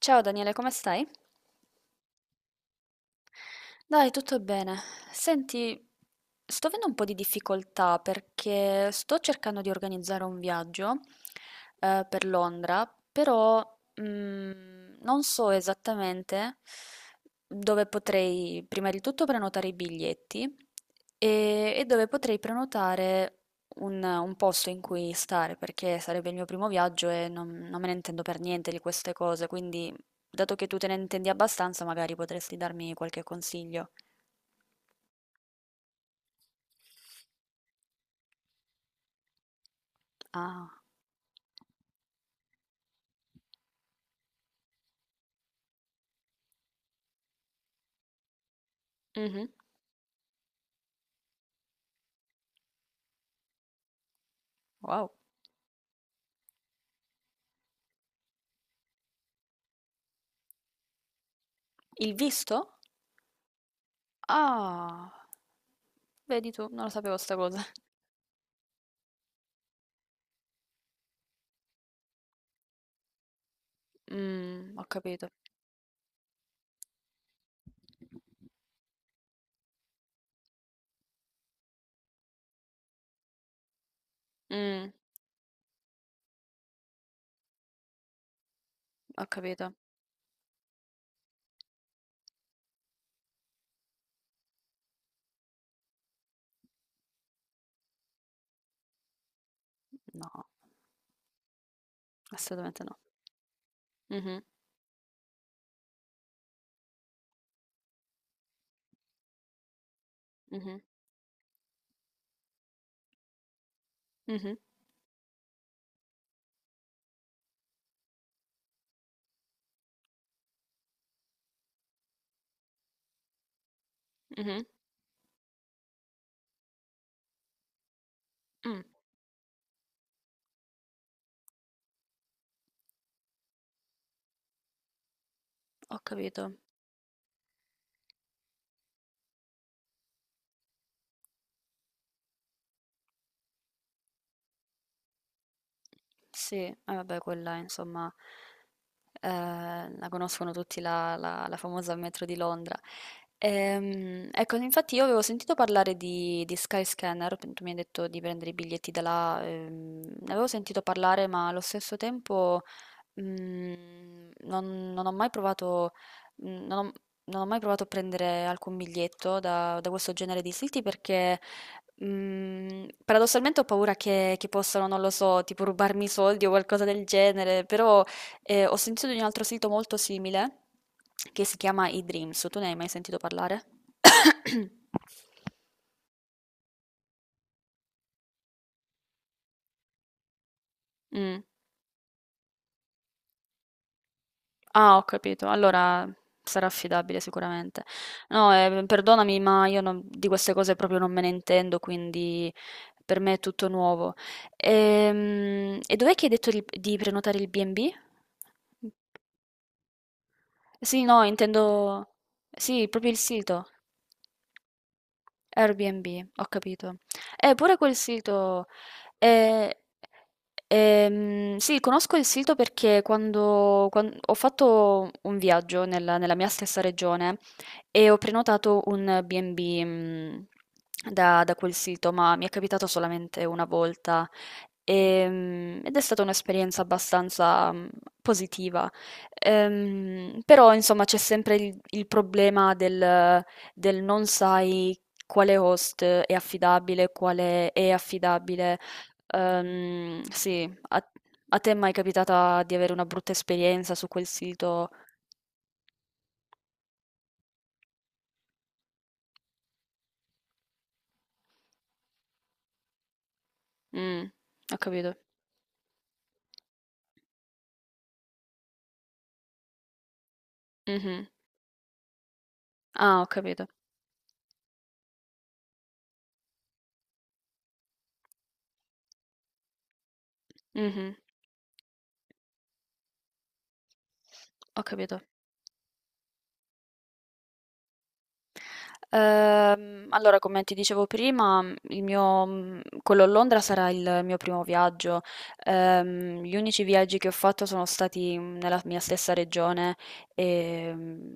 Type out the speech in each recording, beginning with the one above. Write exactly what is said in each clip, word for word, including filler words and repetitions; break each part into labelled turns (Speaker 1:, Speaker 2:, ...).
Speaker 1: Ciao Daniele, come stai? Dai, tutto bene. Senti, sto avendo un po' di difficoltà perché sto cercando di organizzare un viaggio eh, per Londra, però mm, non so esattamente dove potrei prima di tutto prenotare i biglietti e, e dove potrei prenotare un, un posto in cui stare, perché sarebbe il mio primo viaggio e non non me ne intendo per niente di queste cose, quindi... Dato che tu te ne intendi abbastanza, magari potresti darmi qualche consiglio. Ah, mhm, wow. Il visto? Ah, vedi tu, non lo sapevo sta cosa. Mm, ho capito. Mm, ho capito. No, assolutamente no. Mhm, mhm, mhm, mhm, mm, ho capito. Sì, eh vabbè quella insomma eh, la conoscono tutti la, la- la famosa metro di Londra. Ehm, ecco, infatti io avevo sentito parlare di, di Skyscanner, tu mi hai detto di prendere i biglietti da là. Ehm, ne avevo sentito parlare, ma allo stesso tempo Mhmm, non non ho mai provato mhmm, non ho non ho mai provato a prendere alcun biglietto da da questo genere di siti perché mhmm, paradossalmente ho paura che che possano, non lo so, tipo rubarmi i soldi o qualcosa del genere. Però, ehm, ho sentito di un altro sito molto simile che si chiama eDreams. Tu ne hai mai sentito parlare? Mh. Ah, ho capito. Allora sarà affidabile sicuramente. No, eh, perdonami, ma io non- di queste cose proprio non me ne intendo, quindi per me è tutto nuovo. Ehm, e dov'è che hai detto di, di prenotare il B and B? Sì, no, intendo... Sì, proprio il sito. Airbnb, ho capito. Eh, pure quel sito. eh, ehm, sì, conosco il sito perché quando, quan- ho fatto un viaggio nella, nella mia stessa regione e ho prenotato un B and B, mh, da, da quel sito, ma mi è capitato solamente una volta. Ehm, ed è stata un'esperienza abbastanza mh, positiva. Ehm, però, insomma, c'è sempre il, il problema del, del non sai quale host è affidabile, quale è affidabile. Ehm, sì, a, a te è mai capitata di avere una brutta esperienza su quel sito? Mm, ho capito. Mhm. Ah, ho capito. Mhm. Ho capito. Ehm, allora, come ti dicevo prima, il mio, mm, quello a Londra sarà il mio primo viaggio. Ehm, gli unici viaggi che ho fatto sono stati nella mia stessa regione e.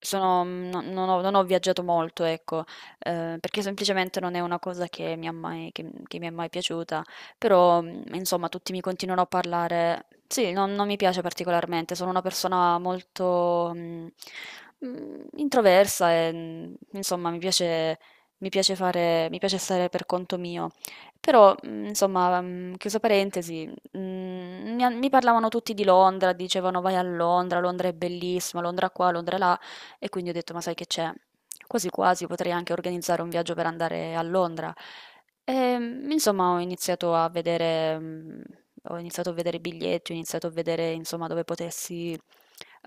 Speaker 1: Sono mhmm, no, non ho non ho viaggiato molto, ecco, ehm, perché semplicemente non è una cosa che mi ha mai che m che mi è mai piaciuta, però, mhmm, insomma tutti mi continuano a parlare sì, non non mi piace particolarmente, sono una persona molto, mhmm, mhmm, introversa e, mhmm, insomma mi piace mi piace fare mi piace stare per conto mio. Però, mhmm, insomma, mhmm, chiusa parentesi, mhmm, mi han mi parlavano tutti di Londra, dicevano: "Vai a Londra, Londra è bellissima, Londra qua, Londra là". E quindi ho detto: "Ma sai che c'è? Quasi quasi potrei anche organizzare un viaggio per andare a Londra". Ehm, insomma ho iniziato a vedere mhmm, ho iniziato a vedere i biglietti, ho iniziato a vedere insomma dove potessi,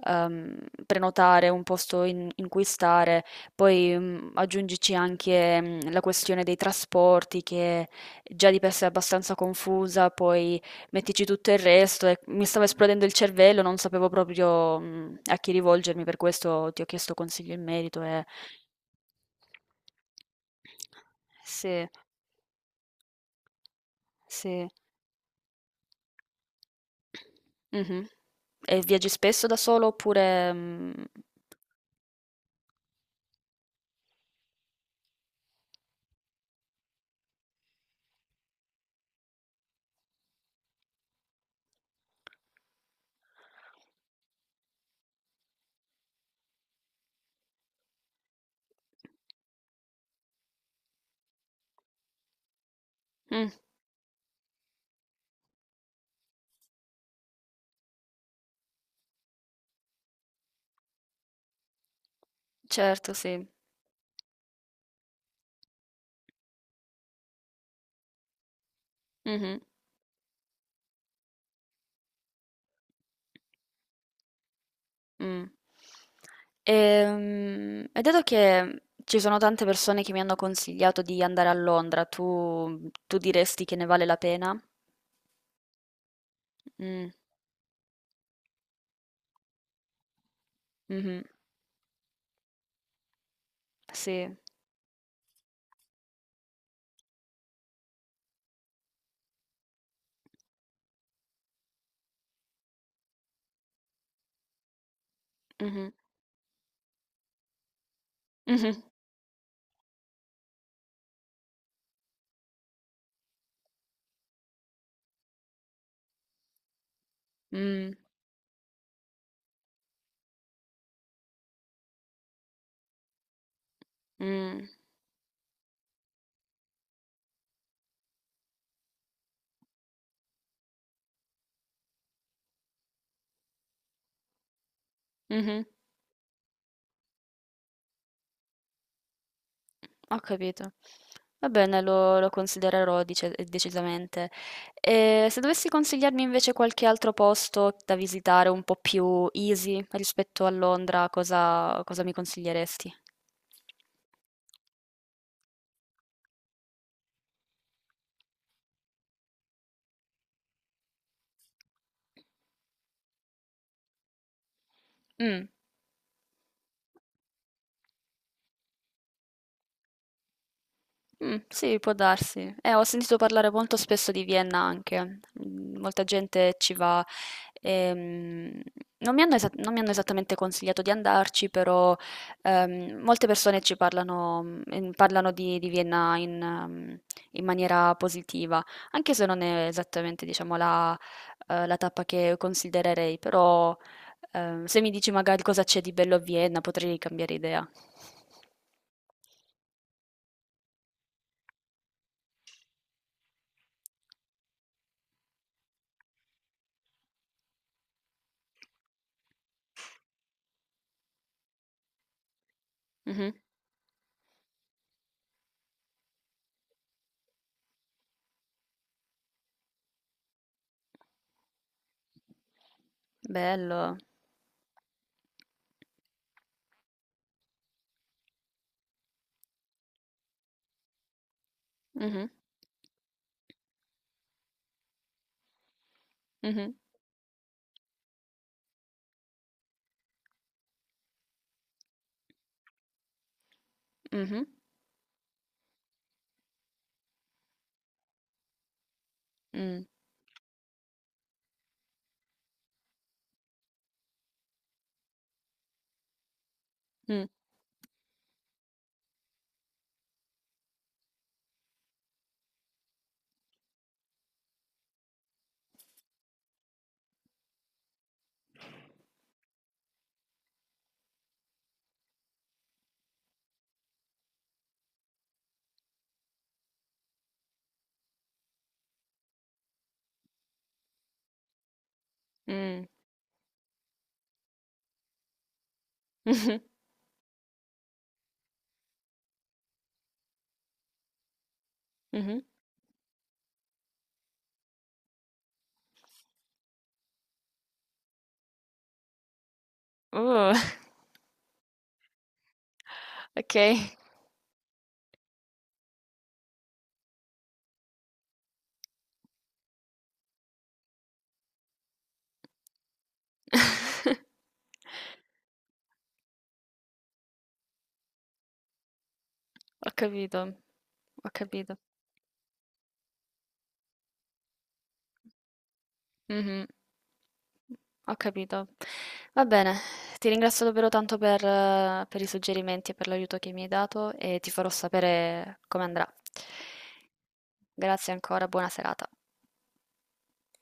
Speaker 1: ehm, prenotare un posto in in cui stare. Poi, mhmm, aggiungici anche, mhmm, la questione dei trasporti che già di per sé è abbastanza confusa, poi mettici tutto il resto e mi stava esplodendo il cervello, non sapevo proprio, mhmm, a chi rivolgermi, per questo ti ho chiesto consigli in merito e. Sì, sì. Mh-mh. E viaggi spesso da solo oppure, mhmm Mh, certo, sì. Mh-mh, mh. Ehm, e dato che ci sono tante persone che mi hanno consigliato di andare a Londra, tu tu diresti che ne vale la pena? Mh. Mh-mh. Sì. Mh-mh. Mh-mh. Mh. Mh. Mh-mh. Ho capito. Va bene, lo lo considererò dice decisamente. E se dovessi consigliarmi invece qualche altro posto da visitare un po' più easy rispetto a Londra, cosa cosa mi consiglieresti? Mh. Mh, sì, può darsi. Eh, ho sentito parlare molto spesso di Vienna anche. Mhmm, Molta gente ci va. Ehm, non mi hanno esa Non mi hanno esattamente consigliato di andarci, però, ehm, molte persone ci parlano mhmm, ehm, parlano di di Vienna in mhmm, in maniera positiva, anche se non è esattamente, diciamo, la ehm, la tappa che considererei, però, ehm, se mi dici magari cosa c'è di bello a Vienna, potrei cambiare idea. Mh-mh. Bello. Mh-mh. Mh-mh. Mh-mh. Mh. Mh. Mh. Mh-mh. Mh-mh. Uh. Okay. Ho capito, ho capito. Mh-mh. Ho capito. Va bene, ti ringrazio davvero tanto per eh, per i suggerimenti e per l'aiuto che mi hai dato e ti farò sapere come andrà. Grazie ancora, buona serata.